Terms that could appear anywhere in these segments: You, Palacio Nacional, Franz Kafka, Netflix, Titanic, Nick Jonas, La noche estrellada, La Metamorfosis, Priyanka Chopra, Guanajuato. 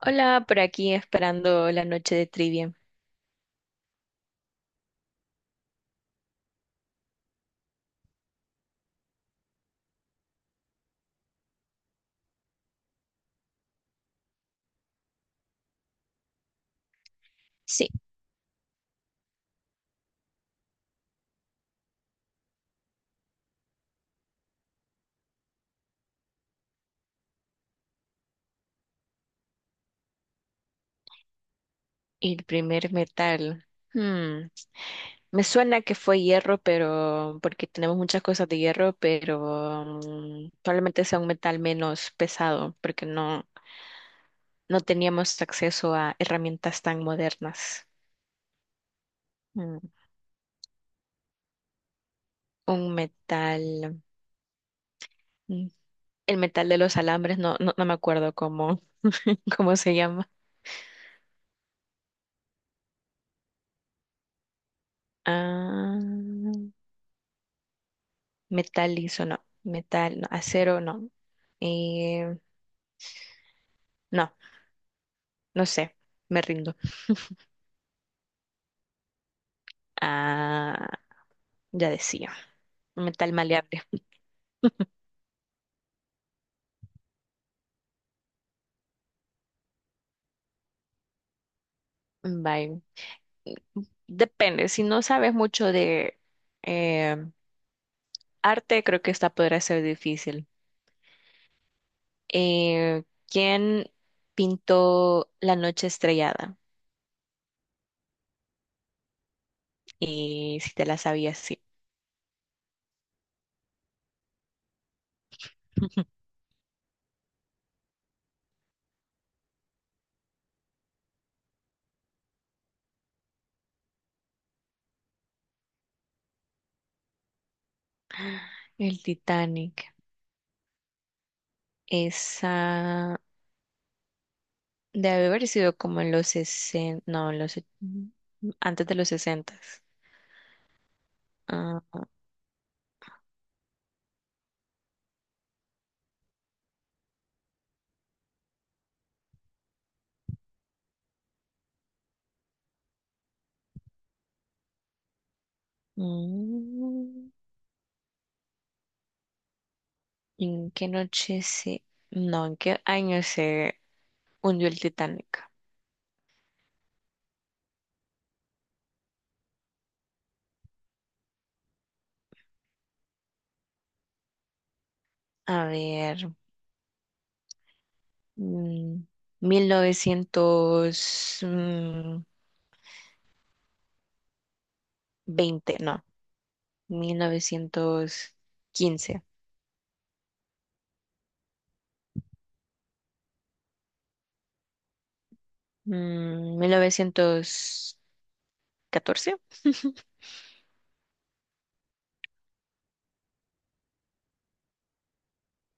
Hola, por aquí esperando la noche de trivia. Sí, el primer metal. Hmm, Me suena que fue hierro, pero porque tenemos muchas cosas de hierro, pero probablemente sea un metal menos pesado, porque no, no teníamos acceso a herramientas tan modernas. Mm. Un metal. mm, El metal de los alambres, no, no, no me acuerdo cómo, cómo se llama. Ah. Metal liso, no, metal, no, acero, no, Eh, no, no sé, me rindo. Ah, ya decía, metal maleable. Bye. Depende, si no sabes mucho de eh, arte, creo que esta podrá ser difícil. Eh, ¿Quién pintó La noche estrellada? Y si te la sabías, sí. El Titanic. Esa. Debe haber sido como en los 60, no, antes de los 60. Ah, mm, ¿en qué noche se, no, en qué año se hundió el Titanic? A ver, mm, mil novecientos veinte, no, 1915, 1914.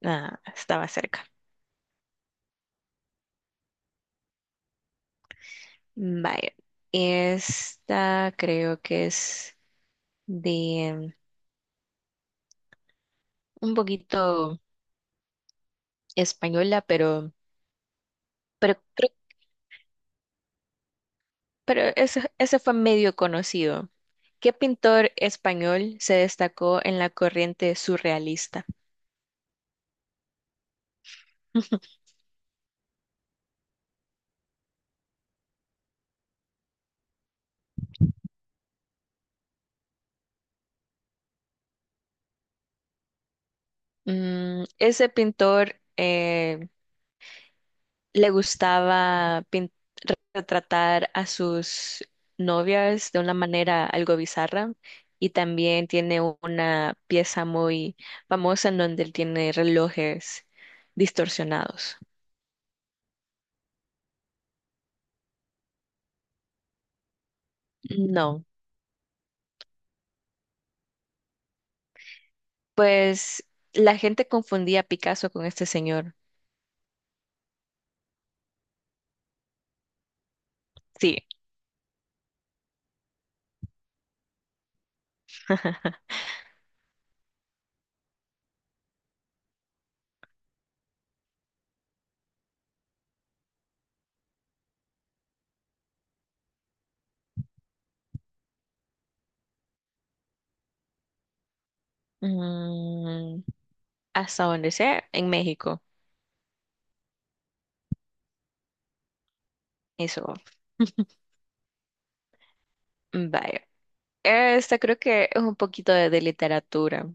Ah, estaba cerca. Vaya, esta creo que es de un poquito española, pero, creo- pero ese, fue medio conocido. ¿Qué pintor español se destacó en la corriente surrealista? Ese pintor le gustaba retratar a sus novias de una manera algo bizarra y también tiene una pieza muy famosa en donde él tiene relojes distorsionados. No, pues la gente confundía a Picasso con este señor. Sí, Mm, hasta donde sea, en México. Eso. Vaya. Esta creo que es un poquito de, literatura,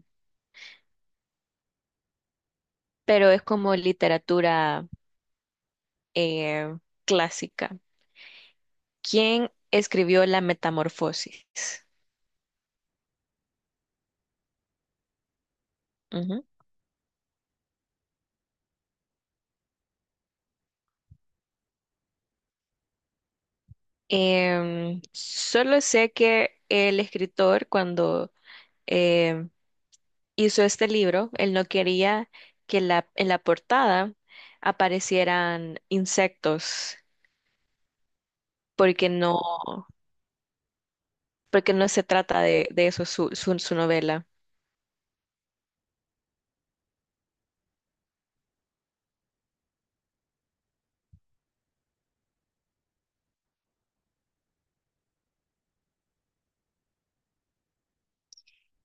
pero es como literatura eh, clásica. ¿Quién escribió La Metamorfosis? Ujú. Solo sé que el escritor cuando em, hizo este libro, él no quería en la portada aparecieran insectos porque no, porque no se trata de, eso su novela.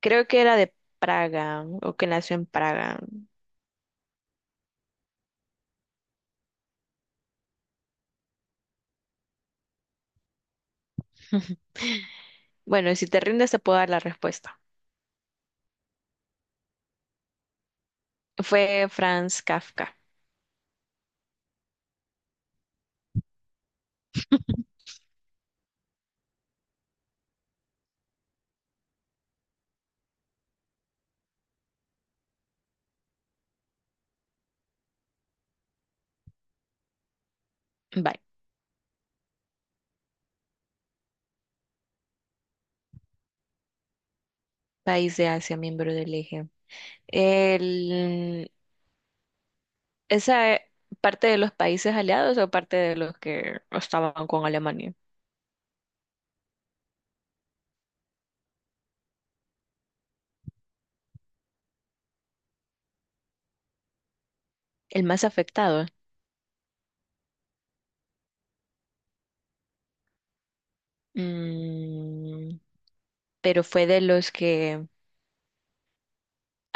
Creo que era de Praga o que nació en Praga. Bueno, y si te rindes te puedo dar la respuesta. Fue Franz Kafka. Bye. País de Asia, miembro del eje. El, ¿Esa parte de los países aliados o parte de los que estaban con Alemania? El más afectado. Mm, pero fue de los que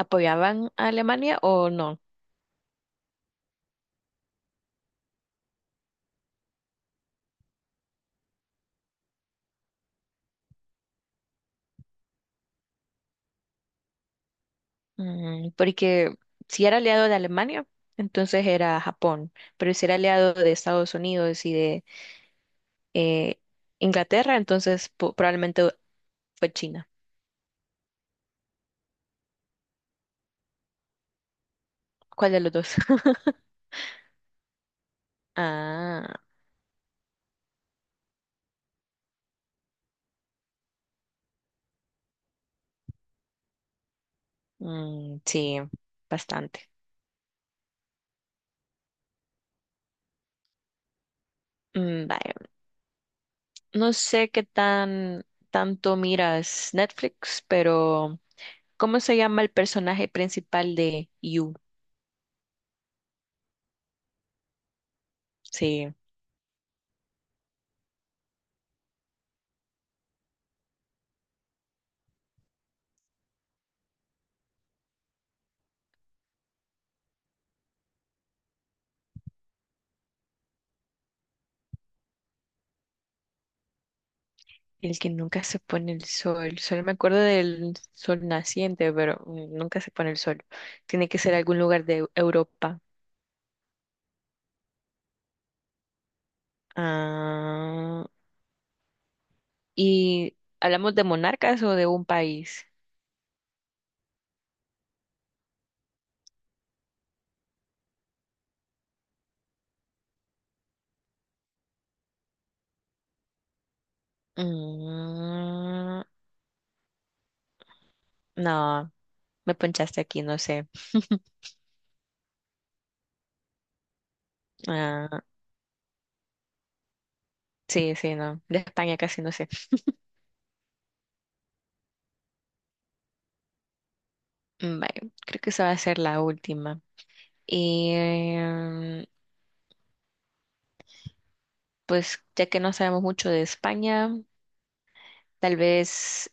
apoyaban a Alemania o no. Porque si era aliado de Alemania, entonces era Japón. Pero si era aliado de Estados Unidos y de eh, Inglaterra, entonces probablemente fue China. ¿Cuál de los dos? Ah. Sí, bastante. Vaya. No sé qué tan tanto miras Netflix, pero ¿cómo se llama el personaje principal de You? Sí, el que nunca se pone el sol. Solo me acuerdo del sol naciente, pero nunca se pone el sol. Tiene que ser algún lugar de Europa. Ah, ¿y hablamos de monarcas o de un país? Mm, no, me ponchaste aquí, no sé. Ah. Sí, sí, no. De España casi no sé. Vale, creo que esa va a ser la última. Y em, pues ya que no sabemos mucho de España, tal vez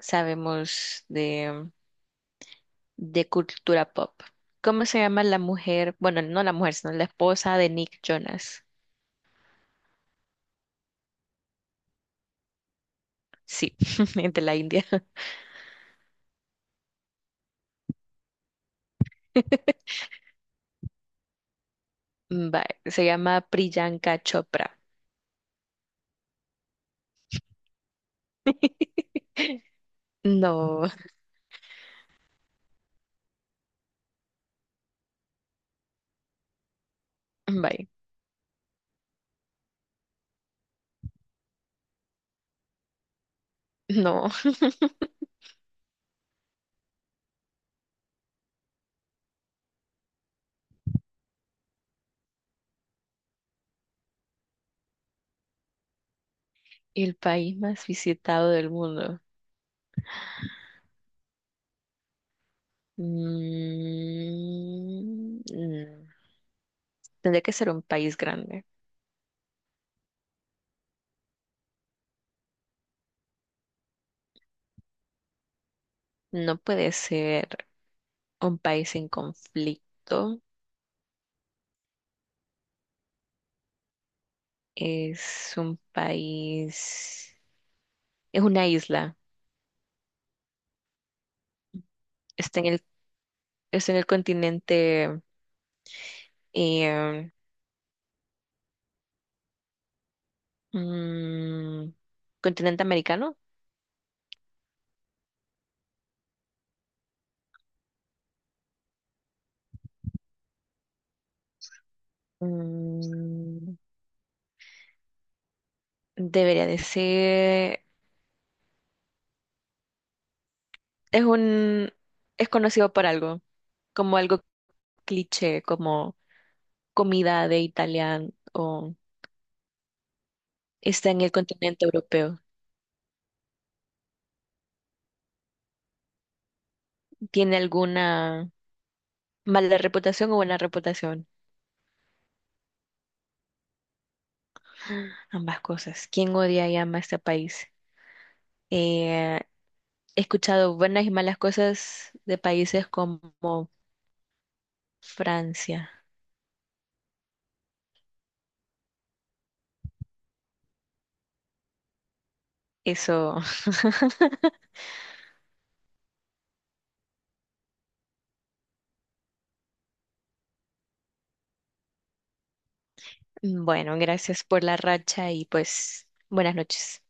sabemos de, cultura pop. ¿Cómo se llama la mujer? Bueno, no la mujer, sino la esposa de Nick Jonas. Sí, de la India. Vale, se llama Priyanka Chopra. No, vale, no. El país más visitado del mundo. Mm, mm. Tendría que ser un país grande. No puede ser un país en conflicto. Es un país, es una isla. Está en el, Está en el eh, mm, continente americano. Mm, Debería de ser, es un, es conocido por algo, como algo cliché, como comida de italiano. Está en el continente europeo. ¿Tiene alguna mala reputación o buena reputación? Ambas cosas. ¿Quién odia y ama este país? Eh, he escuchado buenas y malas cosas de países como Francia. Eso, bueno, gracias por la racha y pues buenas noches.